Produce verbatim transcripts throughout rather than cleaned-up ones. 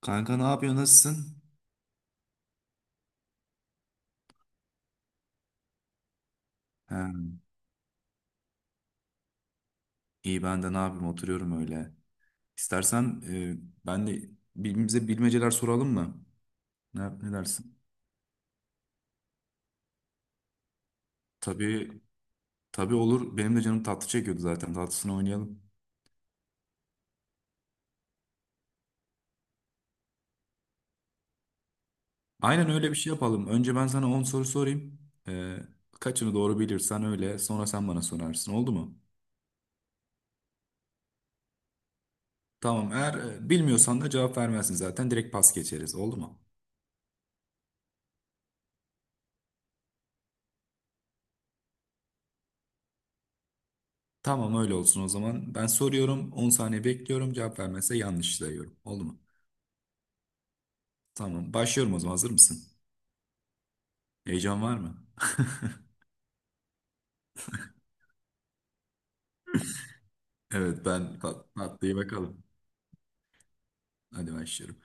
Kanka ne yapıyorsun? Nasılsın? Ha, iyi ben de ne yapayım? Oturuyorum öyle. İstersen e, ben de birbirimize bilmeceler soralım mı? Ne, ne dersin? Tabii, tabii olur. Benim de canım tatlı çekiyordu zaten. Tatlısını oynayalım. Aynen öyle bir şey yapalım. Önce ben sana on soru sorayım. E, Kaçını doğru bilirsen öyle. Sonra sen bana sorarsın. Oldu mu? Tamam. Eğer e, bilmiyorsan da cevap vermezsin zaten. Direkt pas geçeriz. Oldu mu? Tamam öyle olsun o zaman. Ben soruyorum. On saniye bekliyorum. Cevap vermezse yanlış sayıyorum. Oldu mu? Tamam, başlıyorum o zaman. Hazır mısın? Heyecan var mı? Evet, ben pat- patlayı bakalım. Hadi başlıyorum.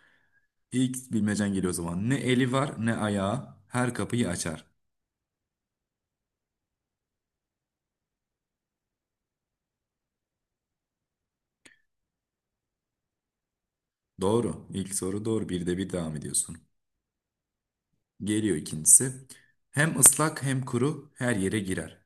İlk bilmecen geliyor o zaman. Ne eli var ne ayağı, her kapıyı açar. Doğru. İlk soru doğru. Bir de bir devam ediyorsun. Geliyor ikincisi. Hem ıslak hem kuru her yere girer.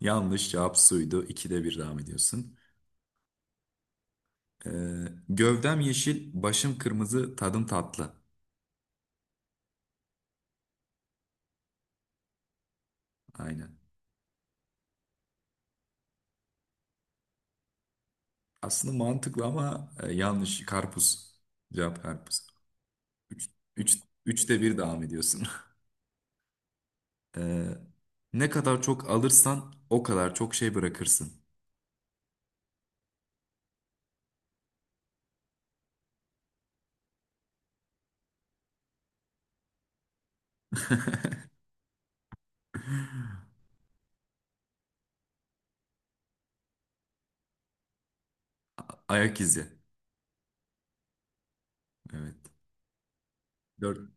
Yanlış cevap suydu. İkide bir devam ediyorsun. Ee, gövdem yeşil, başım kırmızı, tadım tatlı. Aynen. Aslında mantıklı ama e, yanlış. Karpuz. Cevap karpuz. Üç, üç, Üçte bir devam ediyorsun. Ee, Ne kadar çok alırsan o kadar çok şey bırakırsın. Ayak izi. Evet. Dört.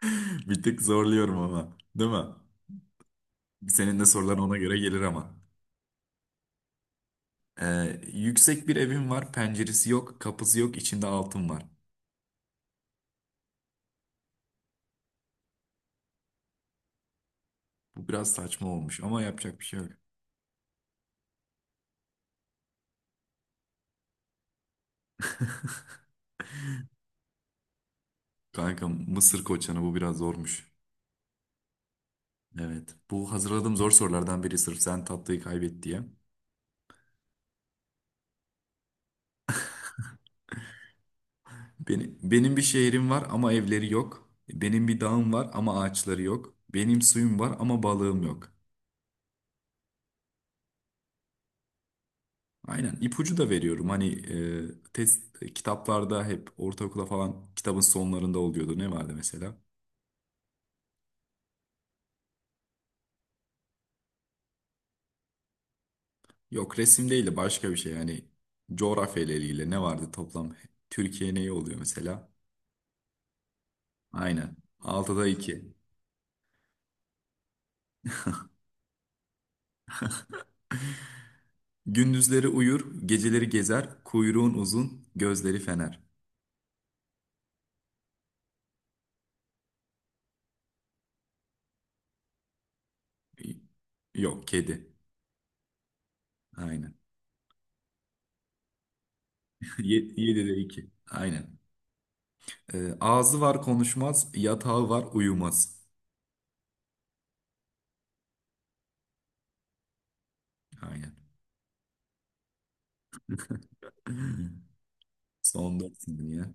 Bir tık zorluyorum ama. Değil mi? Senin de soruların ona göre gelir ama. Ee, yüksek bir evim var. Penceresi yok. Kapısı yok. İçinde altın var. Bu biraz saçma olmuş ama yapacak bir şey yok. Kanka Mısır koçanı bu biraz zormuş. Evet. Bu hazırladığım zor sorulardan biri sırf sen tatlıyı kaybet diye. Benim, benim bir şehrim var ama evleri yok. Benim bir dağım var ama ağaçları yok. Benim suyum var ama balığım yok. Aynen ipucu da veriyorum. Hani e, test, e, kitaplarda hep ortaokula falan kitabın sonlarında oluyordu. Ne vardı mesela? Yok resim değil de başka bir şey. Yani coğrafya ile ilgili ne vardı toplam? Türkiye neyi oluyor mesela? Aynen. Altıda iki. Gündüzleri uyur, geceleri gezer, kuyruğun uzun, gözleri fener. Y- Yok kedi. Aynen. yedide iki. Aynen. Ee, ağzı var konuşmaz, yatağı var uyumaz. Aynen. Son dört ya.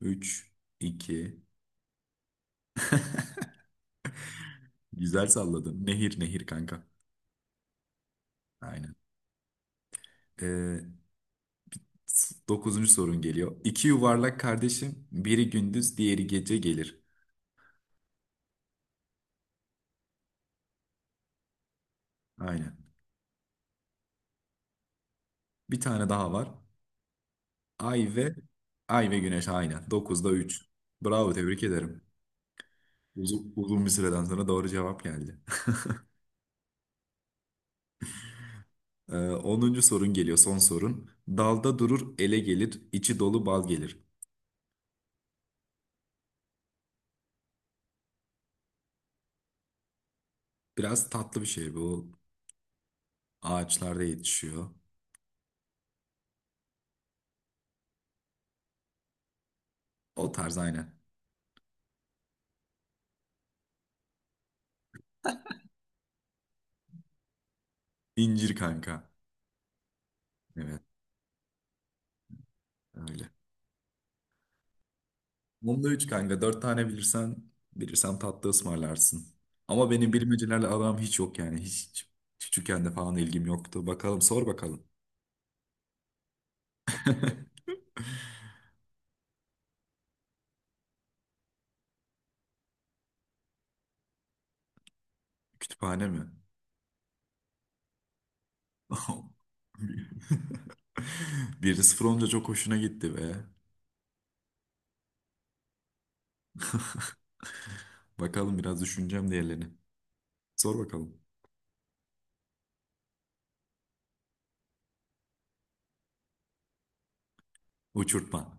Üç, iki. Güzel salladın. Nehir nehir kanka. Aynen. Ee, Dokuzuncu sorun geliyor. İki yuvarlak kardeşim, biri gündüz, diğeri gece gelir. Aynen. Bir tane daha var. Ay ve Ay ve Güneş aynen. Dokuzda üç. Bravo, tebrik ederim. Uzun, uzun bir süreden sonra doğru cevap geldi. Ee, onuncu sorun geliyor, son sorun. Dalda durur, ele gelir, içi dolu bal gelir. Biraz tatlı bir şey bu. Ağaçlarda yetişiyor. O tarz aynen. İncir kanka. Evet, öyle. Onda üç kanka. Dört tane bilirsen, bilirsem tatlı ısmarlarsın. Ama benim bilmecelerle aram hiç yok yani. Hiç küçükken de falan ilgim yoktu. Bakalım, sor bakalım. Kütüphane mi? bir sıfır olunca çok hoşuna gitti be. Bakalım biraz düşüneceğim diğerlerini. Sor bakalım. Uçurtma.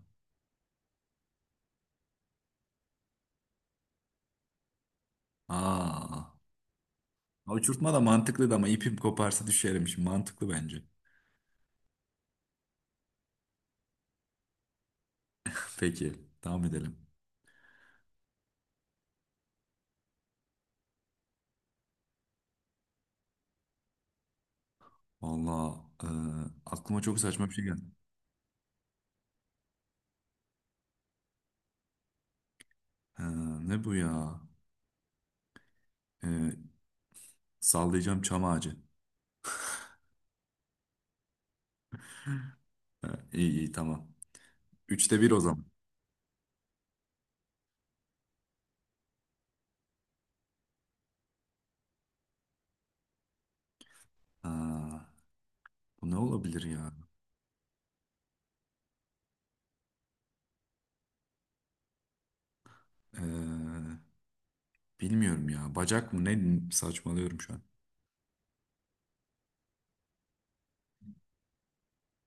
Aa, uçurtma da mantıklıydı ama ipim koparsa düşerim şimdi. Mantıklı bence. Peki, devam edelim. Valla e, aklıma çok saçma bir şey geldi. Ee, Ne bu ya? Ee, Sallayacağım çam ağacı. Ee, iyi iyi tamam. Üçte bir o zaman. Aa, bu ne olabilir ya? Ee, Bilmiyorum ya. Bacak mı? Ne saçmalıyorum şu an.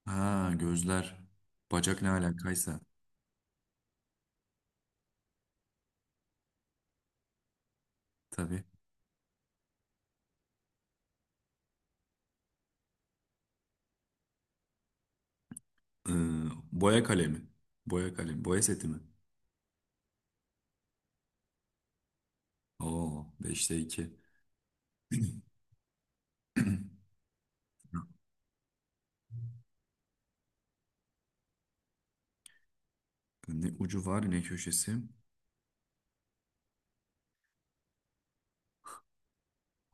Ha gözler. Bacak ne alakaysa. Tabii. Ee, Boya kalemi. Boya kalemi. Boya seti mi? Oo beşte iki. Ne ucu var ne köşesi.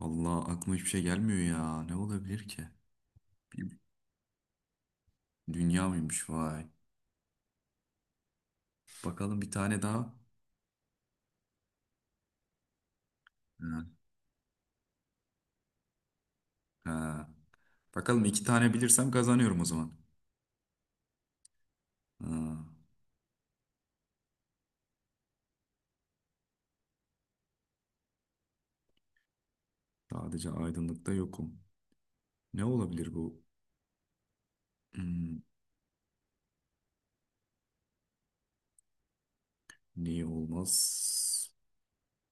Allah aklıma hiçbir şey gelmiyor ya. Ne olabilir ki? Bir dünya mıymış vay. Bakalım bir tane daha. Ha, ha. Bakalım iki tane bilirsem kazanıyorum o zaman. Ha, sadece aydınlıkta yokum. Ne olabilir bu? Hmm, Niye olmaz?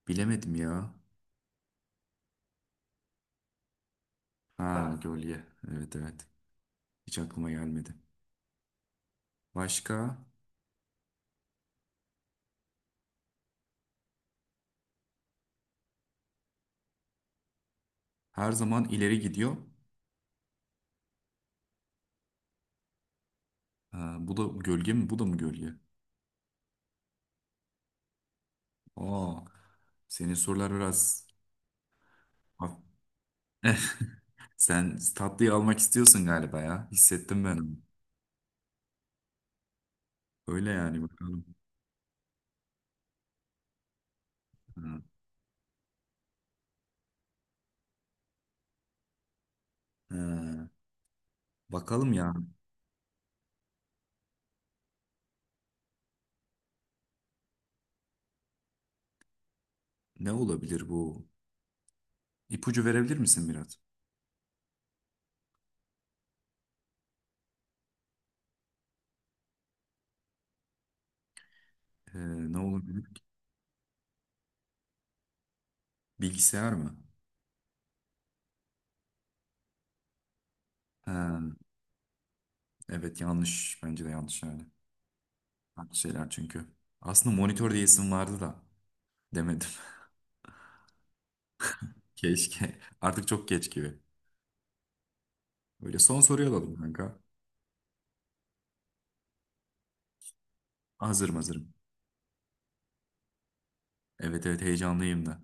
Bilemedim ya. Ha gölge. Evet evet. Hiç aklıma gelmedi. Başka? Her zaman ileri gidiyor. Ha, bu da gölge mi? Bu da mı gölge? Aa, senin sorular biraz... Sen tatlıyı almak istiyorsun galiba ya. Hissettim ben onu. Öyle yani bakalım. Ha, ha. Bakalım ya ne olabilir bu? İpucu verebilir misin biraz? Ee, Ne olabilir ki? Bilgisayar mı? Ha, evet yanlış. Bence de yanlış yani. Farklı şeyler çünkü. Aslında monitör diye isim vardı da demedim. Keşke. Artık çok geç gibi. Böyle son soruyu alalım kanka. Hazırım hazırım. Evet evet heyecanlıyım da.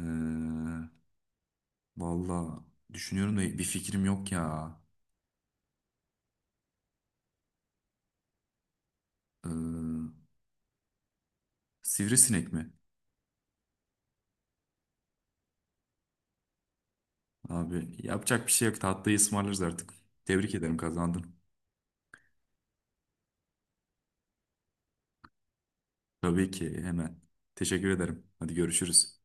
Ee, Valla düşünüyorum da bir fikrim yok ya. Ee, Sivrisinek mi? Abi yapacak bir şey yok. Tatlıyı ısmarlarız artık. Tebrik ederim kazandın. Tabii ki hemen. Teşekkür ederim. Hadi görüşürüz.